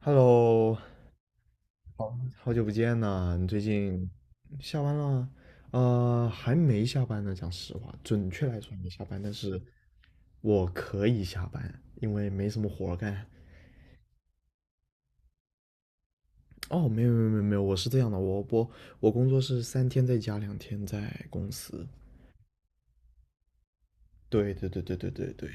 Hello，好久不见呐！你最近下班了？还没下班呢。讲实话，准确来说还没下班，但是我可以下班，因为没什么活儿干。哦，没有没有没有没有，我是这样的，我我工作是三天在家，两天在公司。对对对对对对对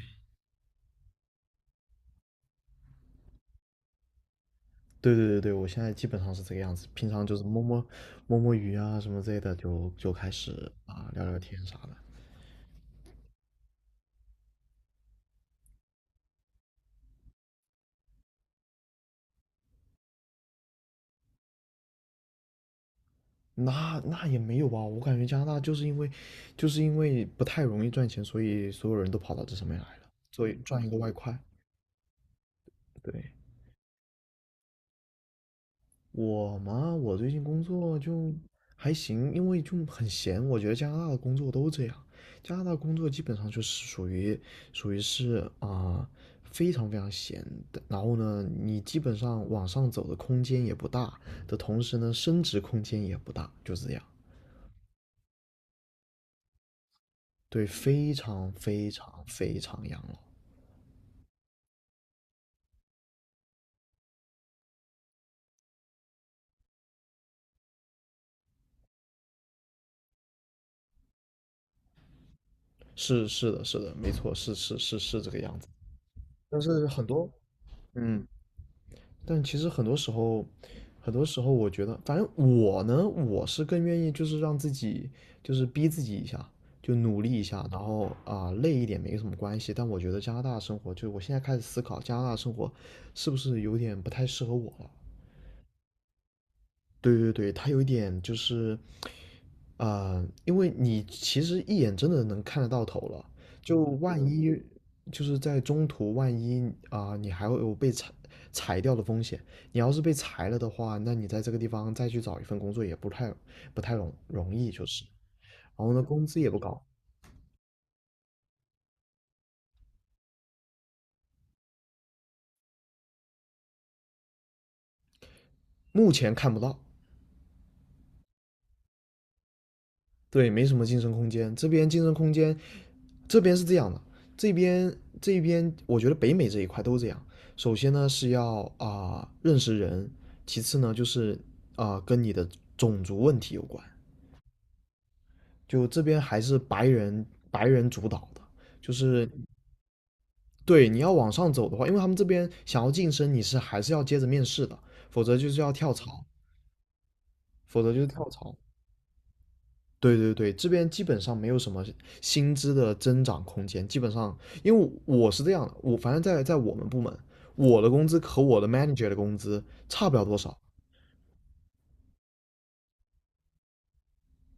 对对对对，我现在基本上是这个样子。平常就是摸摸鱼啊什么之类的，就开始啊聊聊天啥的。那那也没有吧，我感觉加拿大就是因为，就是因为不太容易赚钱，所以所有人都跑到这上面来了，所以赚一个外快。对，我嘛，我最近工作就还行，因为就很闲。我觉得加拿大的工作都这样，加拿大工作基本上就是属于是啊、非常非常闲的。然后呢，你基本上往上走的空间也不大，的同时呢，升值空间也不大，就是这样。对，非常非常非常养老。是是的，是的，没错，是是是是这个样子。但是很多，嗯，但其实很多时候，很多时候我觉得，反正我呢，我是更愿意就是让自己就是逼自己一下，就努力一下，然后啊、累一点没什么关系。但我觉得加拿大生活，就是我现在开始思考加拿大生活是不是有点不太适合我了。对对对，它有一点就是因为你其实一眼真的能看得到头了，就万一就是在中途，万一啊、你还会有被裁掉的风险。你要是被裁了的话，那你在这个地方再去找一份工作也不太容易，就是，然后呢，工资也不高，目前看不到。对，没什么晋升空间。这边晋升空间，这边是这样的，这边这边我觉得北美这一块都这样。首先呢是要啊、认识人，其次呢就是啊、跟你的种族问题有关。就这边还是白人主导的，就是对你要往上走的话，因为他们这边想要晋升，你是还是要接着面试的，否则就是要跳槽，否则就是跳槽。对对对，这边基本上没有什么薪资的增长空间，基本上，因为我是这样的，我反正在我们部门，我的工资和我的 manager 的工资差不了多少，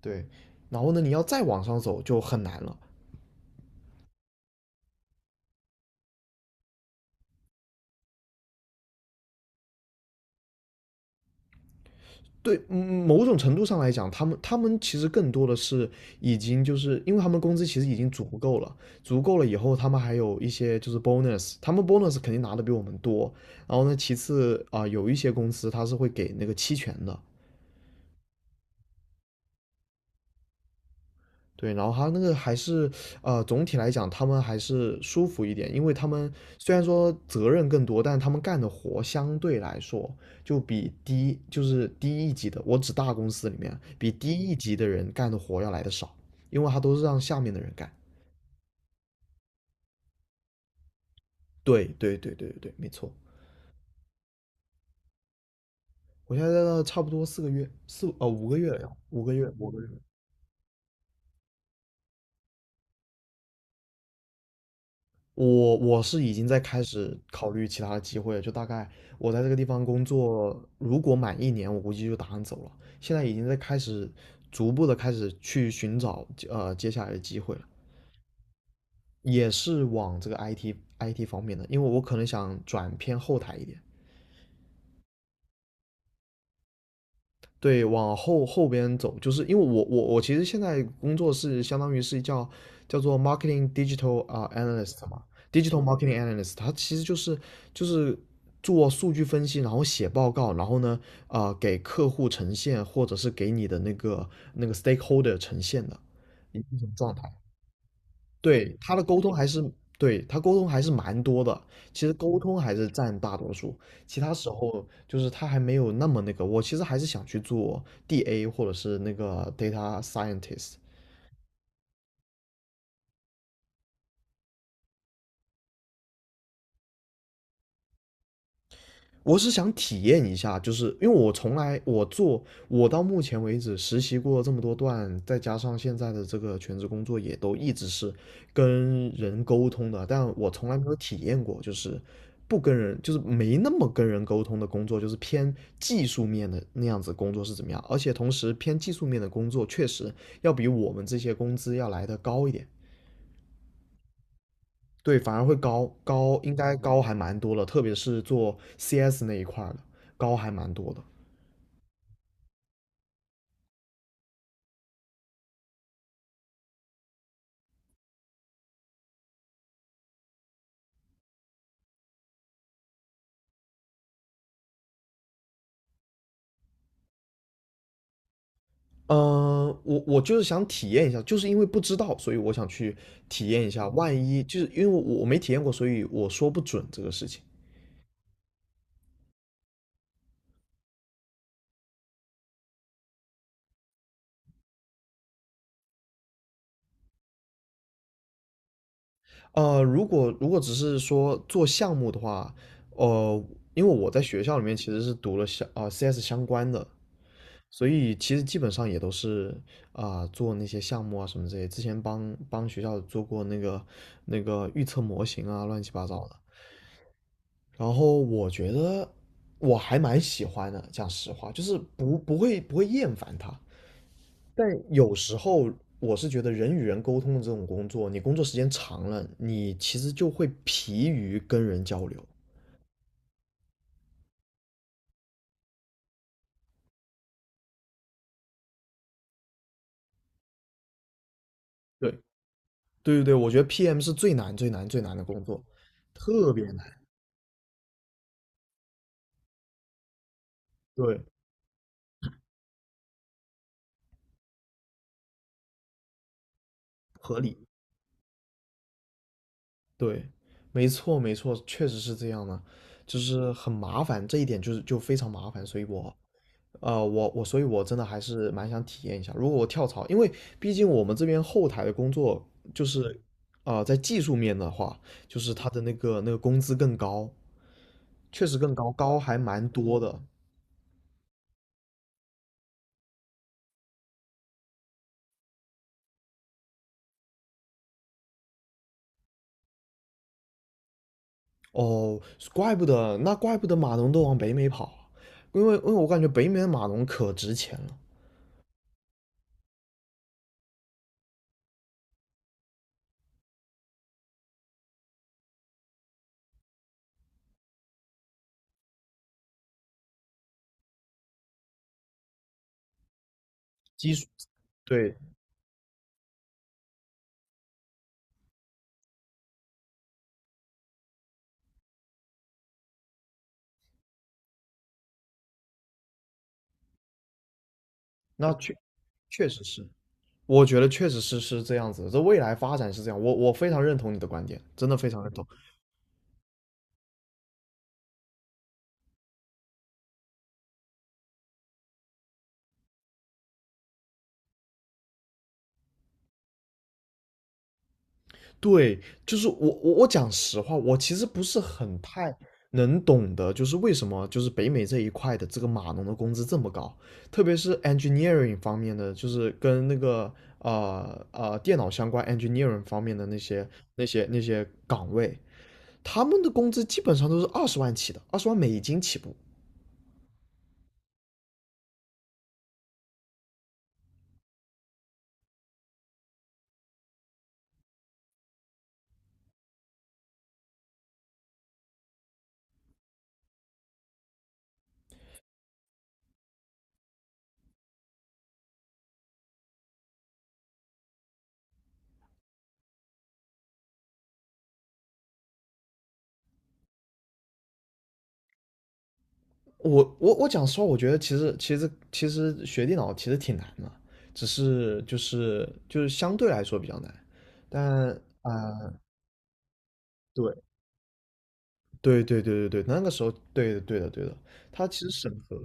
对，然后呢，你要再往上走就很难了。对，某种程度上来讲，他们其实更多的是已经就是因为他们工资其实已经足够了，足够了以后，他们还有一些就是 bonus，他们 bonus 肯定拿的比我们多。然后呢，其次啊、有一些公司它是会给那个期权的，对，然后他那个还是，总体来讲，他们还是舒服一点，因为他们虽然说责任更多，但他们干的活相对来说就比低，就是低一级的，我指大公司里面比低一级的人干的活要来的少，因为他都是让下面的人干。对对对对对对，没错。我现在在那差不多四个月，四，五个月了要，五个月，五个月。我是已经在开始考虑其他的机会了，就大概我在这个地方工作，如果满一年，我估计就打算走了。现在已经在开始逐步的开始去寻找接下来的机会了，也是往这个 IT 方面的，因为我可能想转偏后台一点。对，往后边走，就是因为我其实现在工作是相当于是叫叫做 marketing digital 啊、analyst 嘛，digital marketing analyst，它其实就是做数据分析，然后写报告，然后呢啊、给客户呈现，或者是给你的那个 stakeholder 呈现的一种状态。对，他的沟通还是，对，他沟通还是蛮多的。其实沟通还是占大多数，其他时候就是他还没有那么那个。我其实还是想去做 DA 或者是那个 data scientist，我是想体验一下，就是因为我从来我到目前为止实习过这么多段，再加上现在的这个全职工作也都一直是跟人沟通的，但我从来没有体验过，就是不跟人，就是没那么跟人沟通的工作，就是偏技术面的那样子工作是怎么样。而且同时偏技术面的工作确实要比我们这些工资要来的高一点。对，反而会高，应该高还蛮多了，特别是做 CS 那一块儿的，高还蛮多的。嗯，我就是想体验一下，就是因为不知道，所以我想去体验一下。万一就是因为我没体验过，所以我说不准这个事情。如果只是说做项目的话，呃，因为我在学校里面其实是读了相啊、CS 相关的，所以其实基本上也都是啊、做那些项目啊什么这些。之前帮学校做过那个预测模型啊，乱七八糟的。然后我觉得我还蛮喜欢的，讲实话，就是不会不会厌烦他。但有时候我是觉得人与人沟通的这种工作，你工作时间长了，你其实就会疲于跟人交流。对对对对，我觉得 PM 是最难最难最难的工作，特别难。对，合理。对，没错没错，确实是这样的，就是很麻烦，这一点就非常麻烦，所以我我所以，我真的还是蛮想体验一下。如果我跳槽，因为毕竟我们这边后台的工作就是，在技术面的话，就是他的那个工资更高，确实更高，高还蛮多的。哦，怪不得，那怪不得码农都往北美跑啊因为我感觉北美的码农可值钱了。技术，对，那确实是，我觉得确实是是这样子的这未来发展是这样，我非常认同你的观点，真的非常认同。对，就是我讲实话，我其实不是很太能懂得，就是为什么就是北美这一块的这个码农的工资这么高，特别是 engineering 方面的，就是跟那个电脑相关 engineering 方面的那些岗位，他们的工资基本上都是二十万起的，20万美金起步。我讲实话，我觉得其实学电脑其实挺难的，只是就是相对来说比较难，但。对。对对对对对，那个时候，对的对的对的，他其实审核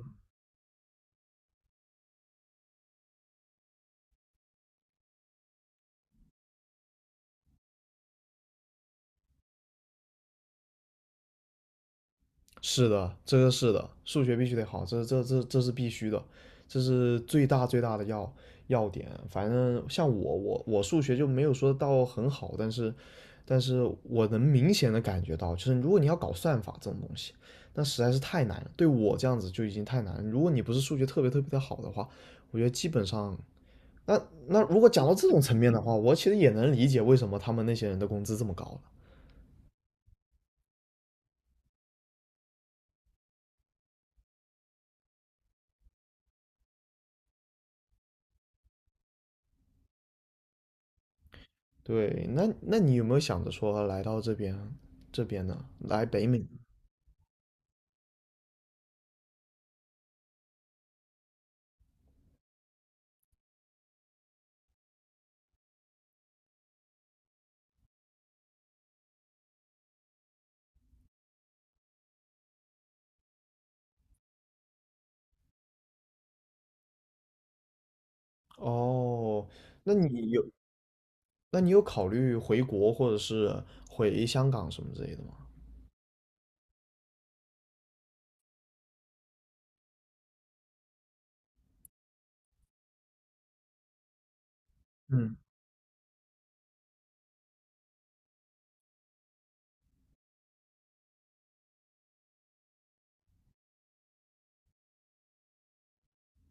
是的，这个是的，数学必须得好，这这这这是必须的，这是最大最大的要点。反正像我数学就没有说到很好，但是但是我能明显的感觉到，就是如果你要搞算法这种东西，那实在是太难了，对我这样子就已经太难了。如果你不是数学特别特别的好的话，我觉得基本上。那那如果讲到这种层面的话，我其实也能理解为什么他们那些人的工资这么高了。对，那那你有没有想着说来到这边呢？来北美？哦，那你有那你有考虑回国或者是回香港什么之类的吗？嗯。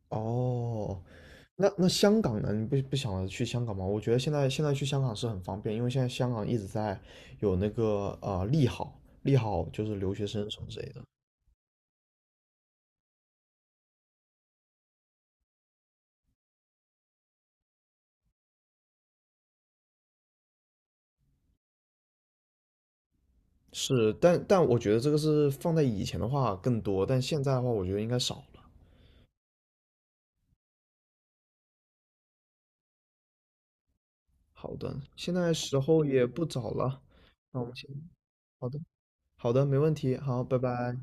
哦，那那香港呢？你不想着去香港吗？我觉得现在去香港是很方便，因为现在香港一直在有那个利好，利好就是留学生什么之类的。是，但我觉得这个是放在以前的话更多，但现在的话我觉得应该少。了。好的，现在时候也不早了，那我们先，好的，好的，没问题，好，拜拜。